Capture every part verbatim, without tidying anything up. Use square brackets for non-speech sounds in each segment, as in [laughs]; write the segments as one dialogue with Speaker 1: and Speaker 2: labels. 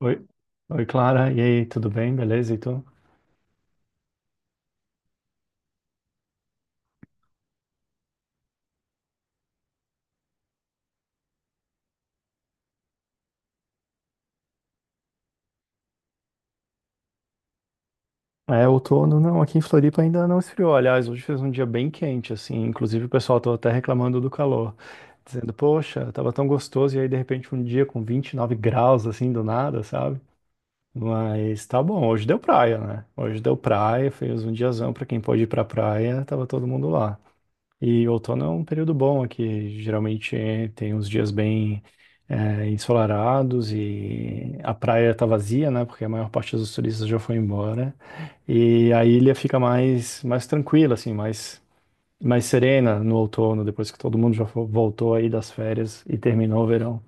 Speaker 1: Oi, oi Clara, e aí, tudo bem? Beleza, então? É, outono não, aqui em Floripa ainda não esfriou. Aliás, hoje fez um dia bem quente, assim, inclusive o pessoal tava até reclamando do calor, dizendo, poxa, tava tão gostoso, e aí de repente um dia com vinte e nove graus, assim, do nada, sabe? Mas tá bom, hoje deu praia, né? Hoje deu praia, fez um diazão pra quem pôde ir pra praia, tava todo mundo lá. E outono é um período bom aqui. Geralmente eh, tem uns dias bem eh, ensolarados e a praia tá vazia, né? Porque a maior parte dos turistas já foi embora. E a ilha fica mais, mais tranquila, assim, mais, mais serena no outono, depois que todo mundo já fo- voltou aí das férias e terminou o verão.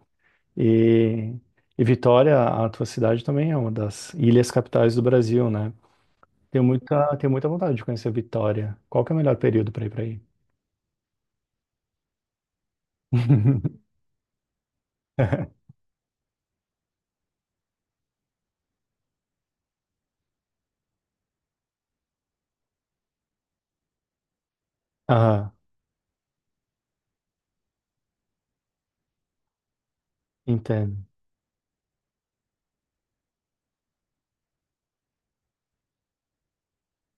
Speaker 1: E, e Vitória, a tua cidade também é uma das ilhas capitais do Brasil, né? Tenho muita, tenho muita vontade de conhecer Vitória. Qual que é o melhor período para ir para aí? [laughs] Aham. Entendo.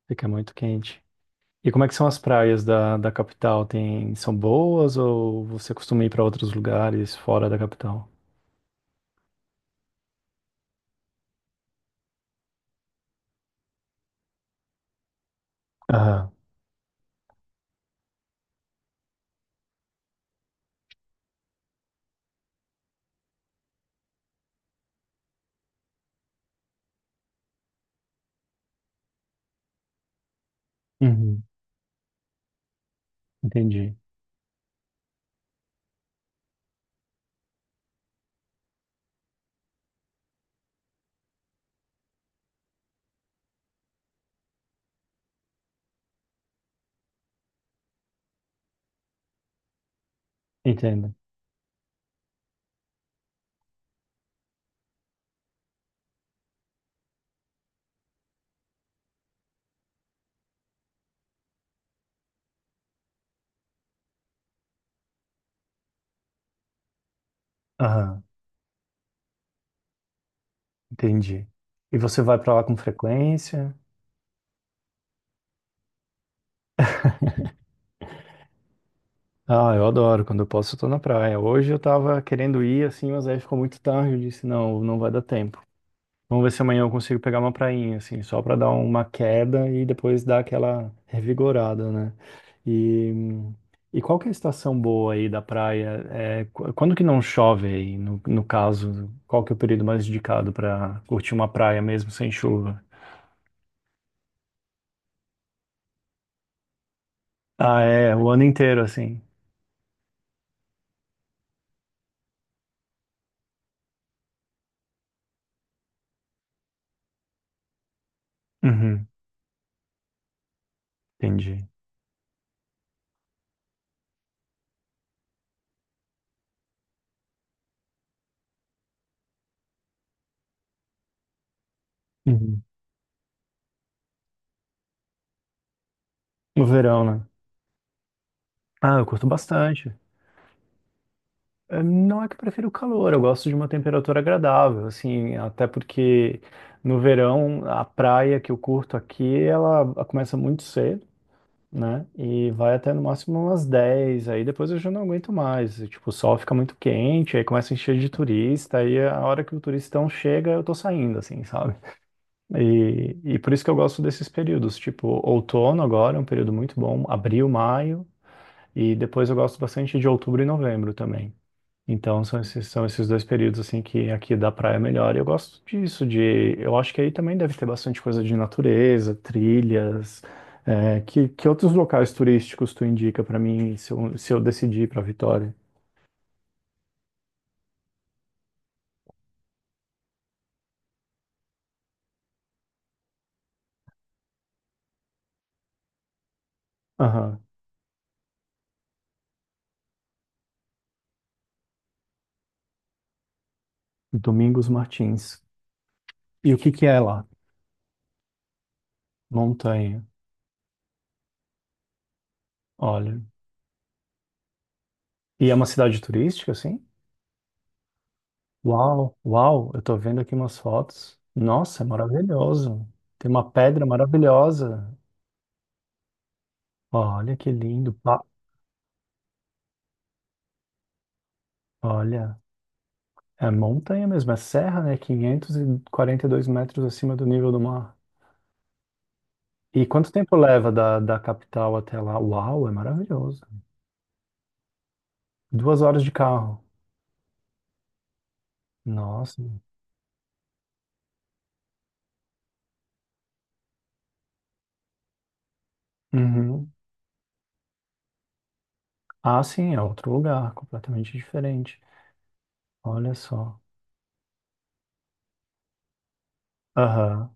Speaker 1: Fica muito quente. E como é que são as praias da, da capital? Tem, são boas ou você costuma ir para outros lugares fora da capital? Aham. Uhum. Entendi. Entendo. Aham. Entendi. E você vai para lá com frequência? Ah, eu adoro. Quando eu posso, eu tô na praia. Hoje eu tava querendo ir assim, mas aí ficou muito tarde. Eu disse, não, não vai dar tempo. Vamos ver se amanhã eu consigo pegar uma prainha, assim, só para dar uma queda e depois dar aquela revigorada, né? E, e qual que é a estação boa aí da praia? É, qu- quando que não chove aí, no, no caso? Qual que é o período mais indicado para curtir uma praia mesmo sem chuva? Ah, é, o ano inteiro, assim. Uhum, entendi. Uhum. No verão, né? Ah, eu curto bastante. Eh, Não é que eu prefiro o calor, eu gosto de uma temperatura agradável, assim, até porque no verão a praia que eu curto aqui, ela começa muito cedo, né? E vai até no máximo umas dez, aí depois eu já não aguento mais. e, Tipo, o sol fica muito quente, aí começa a encher de turista, aí a hora que o turistão chega, eu tô saindo, assim, [laughs] sabe? E, e por isso que eu gosto desses períodos, tipo, outono agora é um período muito bom, abril, maio, e depois eu gosto bastante de outubro e novembro também. Então são esses, são esses dois períodos assim que aqui da praia é melhor. E eu gosto disso, de eu acho que aí também deve ter bastante coisa de natureza, trilhas. É, que, que outros locais turísticos tu indica pra mim se eu, se eu decidir para Vitória? Aham. Domingos Martins. E o que que é lá? Montanha. Olha. E é uma cidade turística, assim? Uau, uau, eu tô vendo aqui umas fotos. Nossa, é maravilhoso. Tem uma pedra maravilhosa. Olha que lindo. Pa- Olha. É montanha mesmo, é serra, né? Quinhentos e e quarenta e dois metros acima do nível do mar. E quanto tempo leva da, da capital até lá? Uau, é maravilhoso. Duas horas de carro. Nossa. Uhum. Ah, sim, é outro lugar, completamente diferente. Olha só. Aham.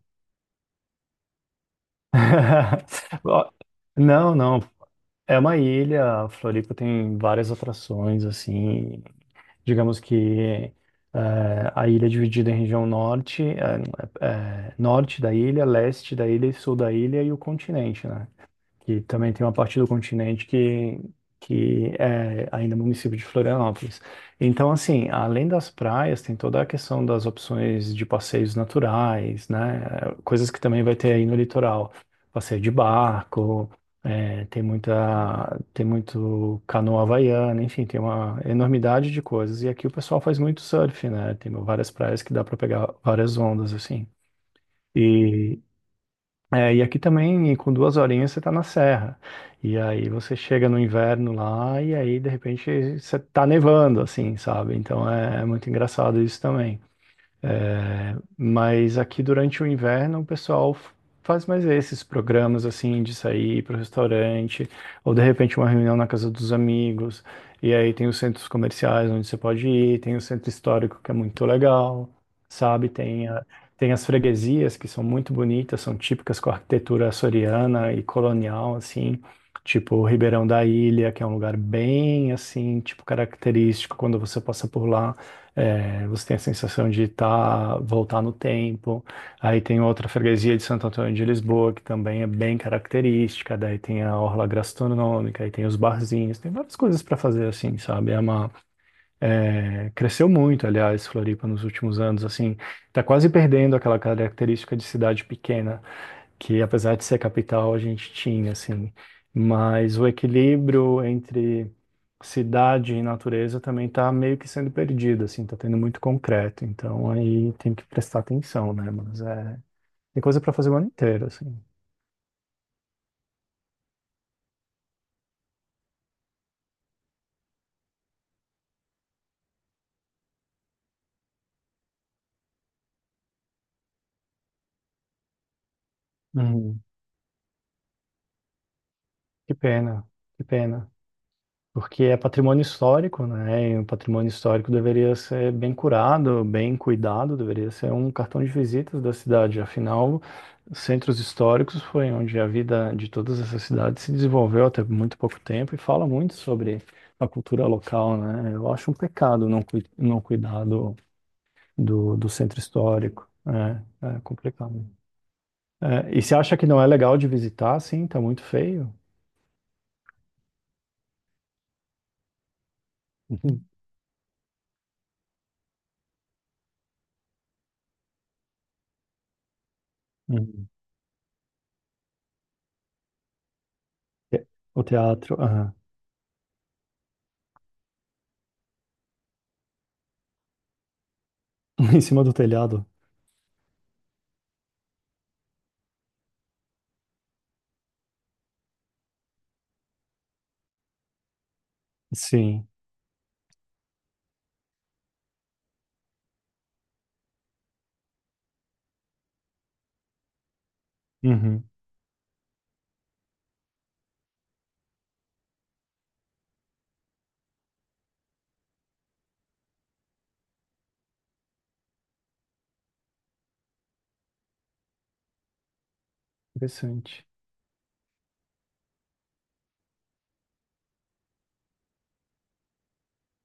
Speaker 1: [laughs] Ó, não, não. É uma ilha, Floripa tem várias atrações, assim. Digamos que eh, a ilha é dividida em região norte, eh, eh, norte da ilha, leste da ilha e sul da ilha e o continente, né? Que também tem uma parte do continente que, que é ainda município de Florianópolis. Então, assim, além das praias, tem toda a questão das opções de passeios naturais, né? Coisas que também vai ter aí no litoral. Passeio de barco, é, tem muita, tem muito canoa havaiana, enfim, tem uma enormidade de coisas. E aqui o pessoal faz muito surf, né? Tem várias praias que dá para pegar várias ondas, assim. E, é, e aqui também, com duas horinhas, você tá na serra. E aí você chega no inverno lá, e aí, de repente, você tá nevando, assim, sabe? Então é, é muito engraçado isso também. Mas aqui durante o inverno o pessoal f- faz mais esses programas assim de sair para o restaurante, ou de repente uma reunião na casa dos amigos. E aí tem os centros comerciais onde você pode ir, tem o centro histórico que é muito legal, sabe? Tem, a- tem as freguesias que são muito bonitas, são típicas com a arquitetura açoriana e colonial, assim. Tipo o Ribeirão da Ilha, que é um lugar bem assim, tipo característico quando você passa por lá. É, você tem a sensação de tá, voltar no tempo. Aí tem outra freguesia de Santo Antônio de Lisboa, que também é bem característica. Daí tem a orla gastronômica, aí tem os barzinhos, tem várias coisas para fazer assim, sabe? É uma, é, cresceu muito, aliás, Floripa nos últimos anos, assim, tá quase perdendo aquela característica de cidade pequena que apesar de ser capital, a gente tinha, assim. Mas o equilíbrio entre cidade e natureza também está meio que sendo perdido, assim, tá tendo muito concreto. Então aí tem que prestar atenção, né? Mas é, tem coisa para fazer o ano inteiro, assim. Uhum. Que pena, que pena. Porque é patrimônio histórico, né? E o patrimônio histórico deveria ser bem curado, bem cuidado, deveria ser um cartão de visitas da cidade. Afinal, centros históricos foi onde a vida de todas essas cidades se desenvolveu até muito pouco tempo e fala muito sobre a cultura local, né? Eu acho um pecado não, cui- não cuidar do, do, do centro histórico. É, é complicado. É, e você acha que não é legal de visitar? Sim, tá muito feio. Uhum. [laughs] Uhum. O teatro. [laughs] Em cima do telhado. Sim. Uhum. Interessante.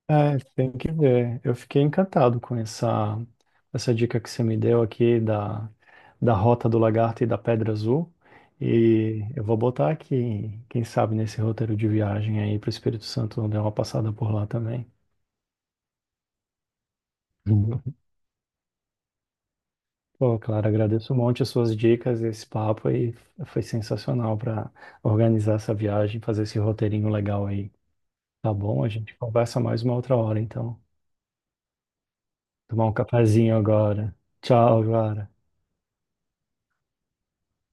Speaker 1: É, tem que ver. Eu fiquei encantado com essa, essa dica que você me deu aqui da, da Rota do Lagarto e da Pedra Azul. E eu vou botar aqui, quem sabe, nesse roteiro de viagem aí para o Espírito Santo, dar uma passada por lá também. Uhum. Pô, Clara, agradeço um monte as suas dicas, esse papo aí foi sensacional para organizar essa viagem, fazer esse roteirinho legal aí. Tá bom? A gente conversa mais uma outra hora, então. Tomar um cafezinho agora. Tchau, agora.